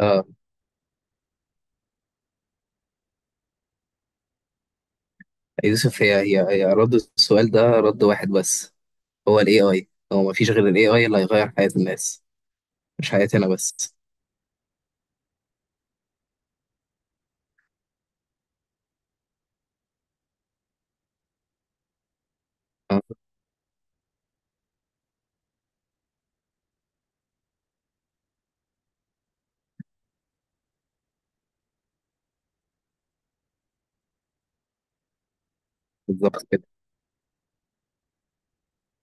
اه، يوسف، هي رد السؤال ده رد واحد بس. هو الاي اي، هو مفيش غير الاي اي اللي هيغير حياة الناس، مش حياتنا بس. آه، بالظبط كده،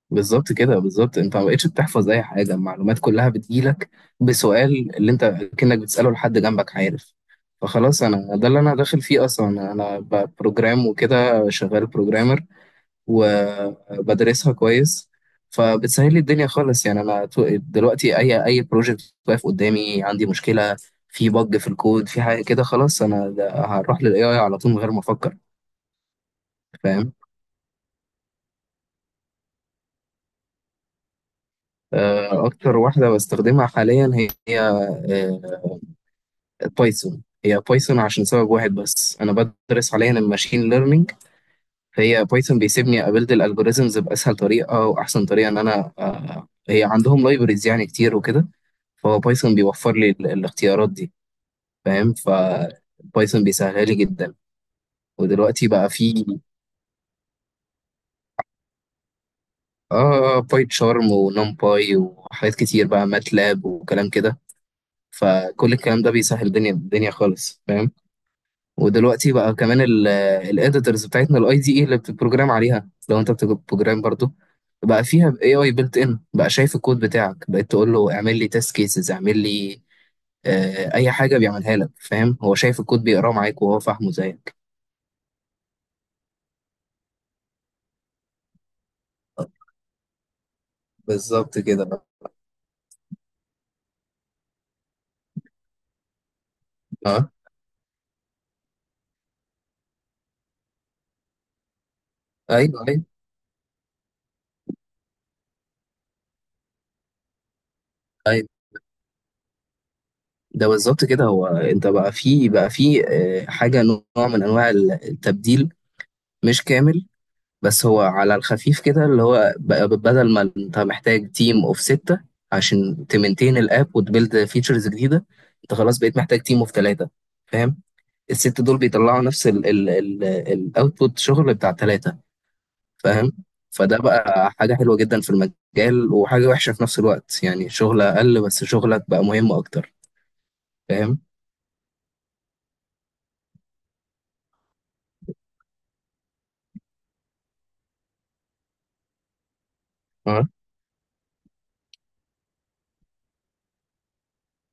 بالظبط كده، بالظبط انت ما بقتش بتحفظ اي حاجة، المعلومات كلها بتجيلك بسؤال اللي انت كأنك بتسأله لحد جنبك، عارف؟ فخلاص، انا ده اللي انا داخل فيه اصلا، بروجرام وكده، شغال بروجرامر وبدرسها كويس. فبتسهل لي الدنيا خالص يعني انا دلوقتي اي اي بروجكت واقف قدامي، عندي مشكله في بج في الكود في حاجه كده، خلاص انا هروح للاي اي على طول من غير ما افكر. فاهم؟ اكتر واحده بستخدمها حاليا هي بايثون. هي بايثون عشان سبب واحد بس، انا بدرس حاليا الماشين ليرنينج. هي بايثون بيسيبني ابيلد الالجوريزمز باسهل طريقه واحسن طريقه، ان انا آه، هي عندهم لايبرز يعني كتير وكده. فهو بايثون بيوفر لي الاختيارات دي. فاهم؟ بايثون بيسهلها لي جدا. ودلوقتي بقى في، اه، باي تشارم ونمباي وحاجات كتير بقى، ماتلاب وكلام كده. فكل الكلام ده بيسهل الدنيا الدنيا خالص. فاهم؟ ودلوقتي بقى كمان الاديتورز بتاعتنا، الاي دي اي اللي بتبروجرام عليها، لو انت بتبروجرام برضو، بقى فيها اي اي بيلت ان بقى. شايف الكود بتاعك، بقيت تقول له اعمل لي تيست كيسز، اعمل لي، اي حاجه، بيعملها لك. فاهم؟ هو شايف الكود، بيقراه معاك وهو فاهمه زيك. بالظبط كده بقى. اه. ايوه، ايوه، ايوه، ده بالظبط كده. هو انت بقى في، حاجه نوع من انواع التبديل، مش كامل. بس هو على الخفيف كده، اللي هو بدل ما انت محتاج تيم اوف ستة عشان تمنتين الاب وتبيلد فيتشرز جديدة، انت خلاص بقيت محتاج تيم اوف ثلاثة. فاهم؟ الست دول بيطلعوا نفس الاوتبوت، شغل بتاع ثلاثة. فاهم؟ فده بقى حاجة حلوة جدا في المجال، وحاجة وحشة في نفس الوقت، يعني شغل أقل بس شغلك بقى مهم أكتر. فاهم؟ اه.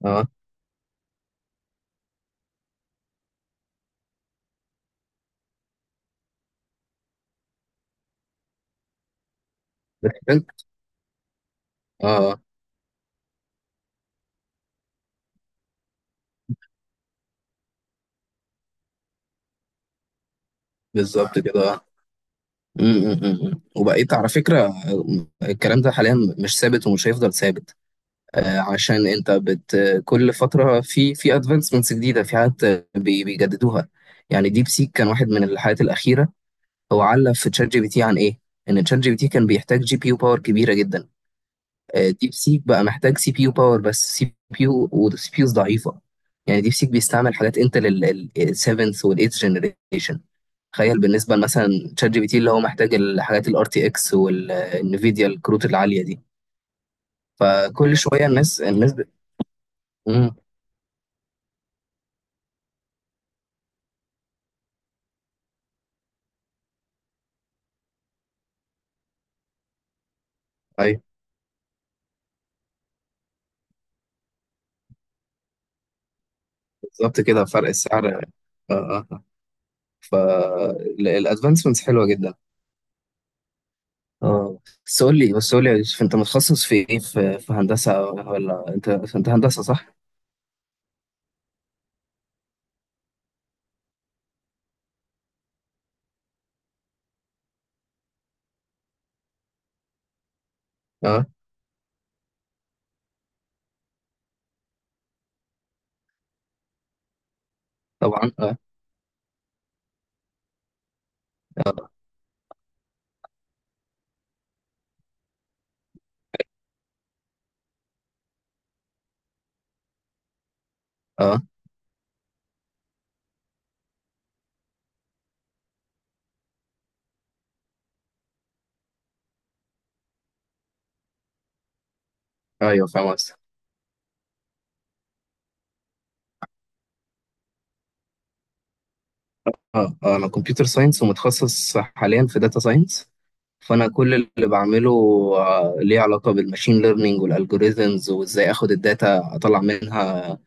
اه. بس انت اه، بالظبط كده. م- م- م. وبقيت على فكرة الكلام ده حاليا مش ثابت، ومش هيفضل ثابت. عشان انت كل فترة في ادفانسمنتس جديدة، في حاجات بيجددوها. يعني ديب سيك كان واحد من الحاجات الأخيرة، هو علق في تشات جي بي تي عن ايه؟ ان تشات جي بي تي كان بيحتاج جي بي يو باور كبيرة جدا. ديب سيك بقى محتاج سي بي يو باور بس، سي بي يو والسي بي يوز ضعيفة. يعني ديب سيك بيستعمل حاجات انتل ال 7th وال 8th generation. تخيل بالنسبه مثلا، تشات جي بي تي اللي هو محتاج الحاجات الار تي اكس والانفيديا، الكروت العاليه دي. فكل شويه الناس. مم. ايوه، بالظبط كده، فرق السعر. اه. اه. فالادفانسمنتس حلوه جدا. اه. بس قول لي، يا يوسف، انت متخصص في ايه، في, هندسه ولا انت، هندسه صح؟ اه. طبعا. اه. اه, آه. ايوه، فاهم. اه. انا كمبيوتر ساينس ومتخصص حاليا في داتا ساينس. فانا كل اللي بعمله ليه علاقه بالماشين ليرنينج والالجوريزمز، وازاي اخد الداتا اطلع منها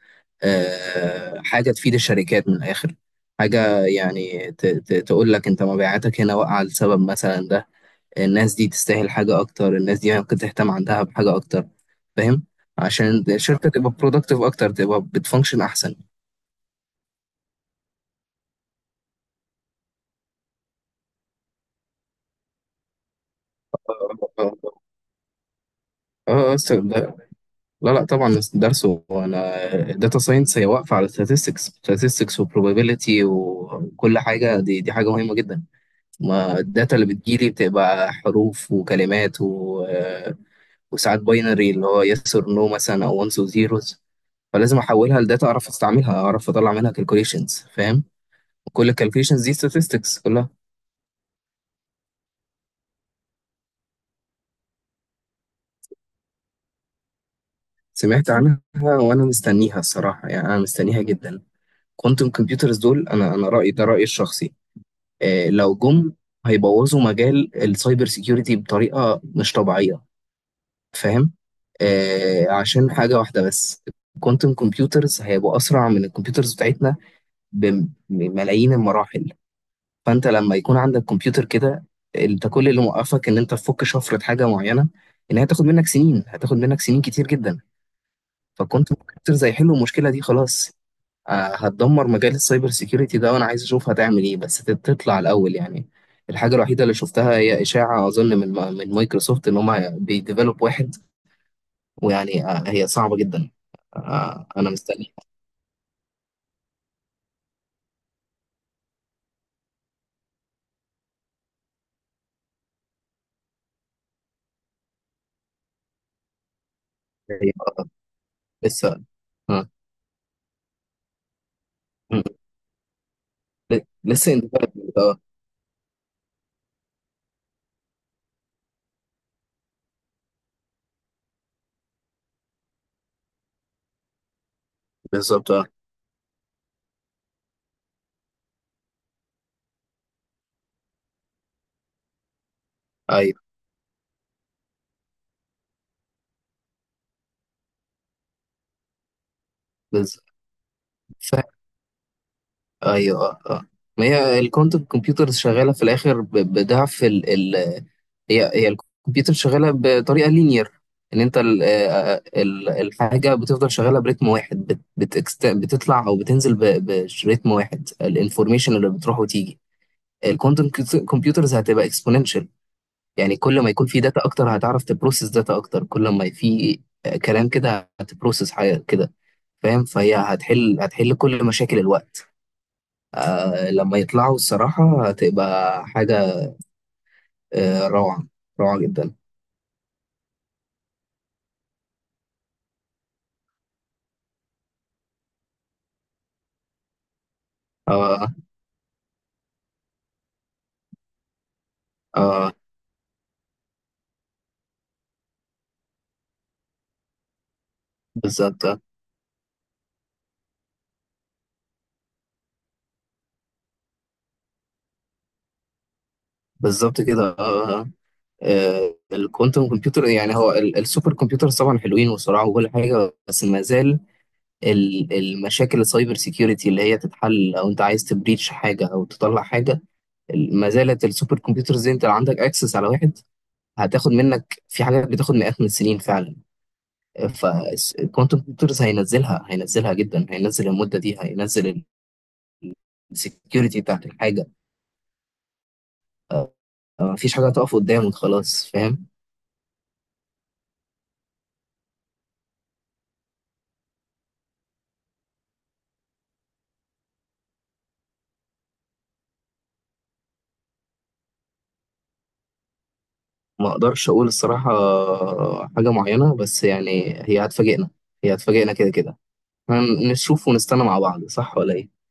حاجه تفيد الشركات من الاخر. حاجه يعني تقول لك انت مبيعاتك هنا واقعه لسبب مثلا ده، الناس دي تستاهل حاجه اكتر، الناس دي ممكن تهتم عندها بحاجه اكتر. فاهم؟ عشان الشركه تبقى برودكتيف اكتر، تبقى بتفانكشن احسن. اه. اه. آه، آه، لا لا طبعا، بس درسه. انا الداتا ساينس هي واقفه على statistics وبروبابيلتي وكل حاجه، دي حاجه مهمه جدا. ما الداتا اللي بتجيلي بتبقى حروف وكلمات و... آه، وساعات باينري اللي هو yes or no مثلا، او ones و zeros. فلازم احولها لداتا، اعرف استعملها، اعرف اطلع منها calculations. فاهم؟ كل ال calculations دي statistics كلها. سمعت عنها وانا مستنيها الصراحه، يعني انا مستنيها جدا. كوانتم كمبيوترز دول انا رايي ده رايي الشخصي. لو جم هيبوظوا مجال السايبر سيكيورتي بطريقة مش طبيعية. فاهم؟ عشان حاجة واحدة بس، الكوانتم كمبيوترز هيبقوا أسرع من الكمبيوترز بتاعتنا بملايين المراحل. فأنت لما يكون عندك كمبيوتر كده، أنت كل اللي موقفك إن أنت تفك شفرة حاجة معينة، إن هي هتاخد منك سنين، هتاخد منك سنين كتير جدا. فالكوانتم كمبيوترز هيحلوا المشكلة دي خلاص. هتدمر مجال السايبر سيكيورتي ده، وانا عايز اشوف هتعمل ايه، بس تطلع الاول يعني. الحاجه الوحيده اللي شفتها، هي اشاعه اظن من مايكروسوفت ان هم بيديفلوب واحد. ويعني، هي صعبه جدا. انا مستني. هي لسه. آه، م- لسه in development. اه. بالظبط. اه. ايوه بالظبط. ف- ايوه. اه. ما هي الكوانتم كمبيوترز شغاله في الاخر بضعف. هي الكمبيوتر شغاله بطريقه لينير، ان انت الحاجه بتفضل شغاله برتم واحد. بتكست بتطلع او بتنزل برتم واحد، الانفورميشن اللي بتروح وتيجي. الكوانتم كمبيوترز هتبقى اكسبوننشال. يعني كل ما يكون في داتا اكتر، هتعرف تبروسس داتا اكتر. كل ما في كلام كده، هتبروسس حاجه كده. فاهم؟ فهي هتحل هتحل كل مشاكل الوقت. لما يطلعوا، الصراحه هتبقى حاجه روعه. روعه جدا. اه. اه بالظبط. بالظبط كده. الكوانتم كمبيوتر يعني، هو السوبر كمبيوترز طبعا حلوين وسرعه وكل حاجه، بس ما زال المشاكل السايبر سيكيورتي اللي هي تتحل، او انت عايز تبريتش حاجه او تطلع حاجه، ما زالت السوبر كمبيوترز دي، انت لو عندك اكسس على واحد، هتاخد منك في حاجات بتاخد مئات من السنين فعلا. فالكوانتم كمبيوترز هينزلها، هينزلها جدا، هينزل المده دي، هينزل السكيورتي بتاعت الحاجه. مفيش حاجه هتقف قدامك خلاص. فاهم؟ ما اقدرش اقول الصراحة حاجة معينة، بس يعني هي هتفاجئنا. هي هتفاجئنا كده كده. هنشوف ونستنى مع بعض، صح ولا ايه؟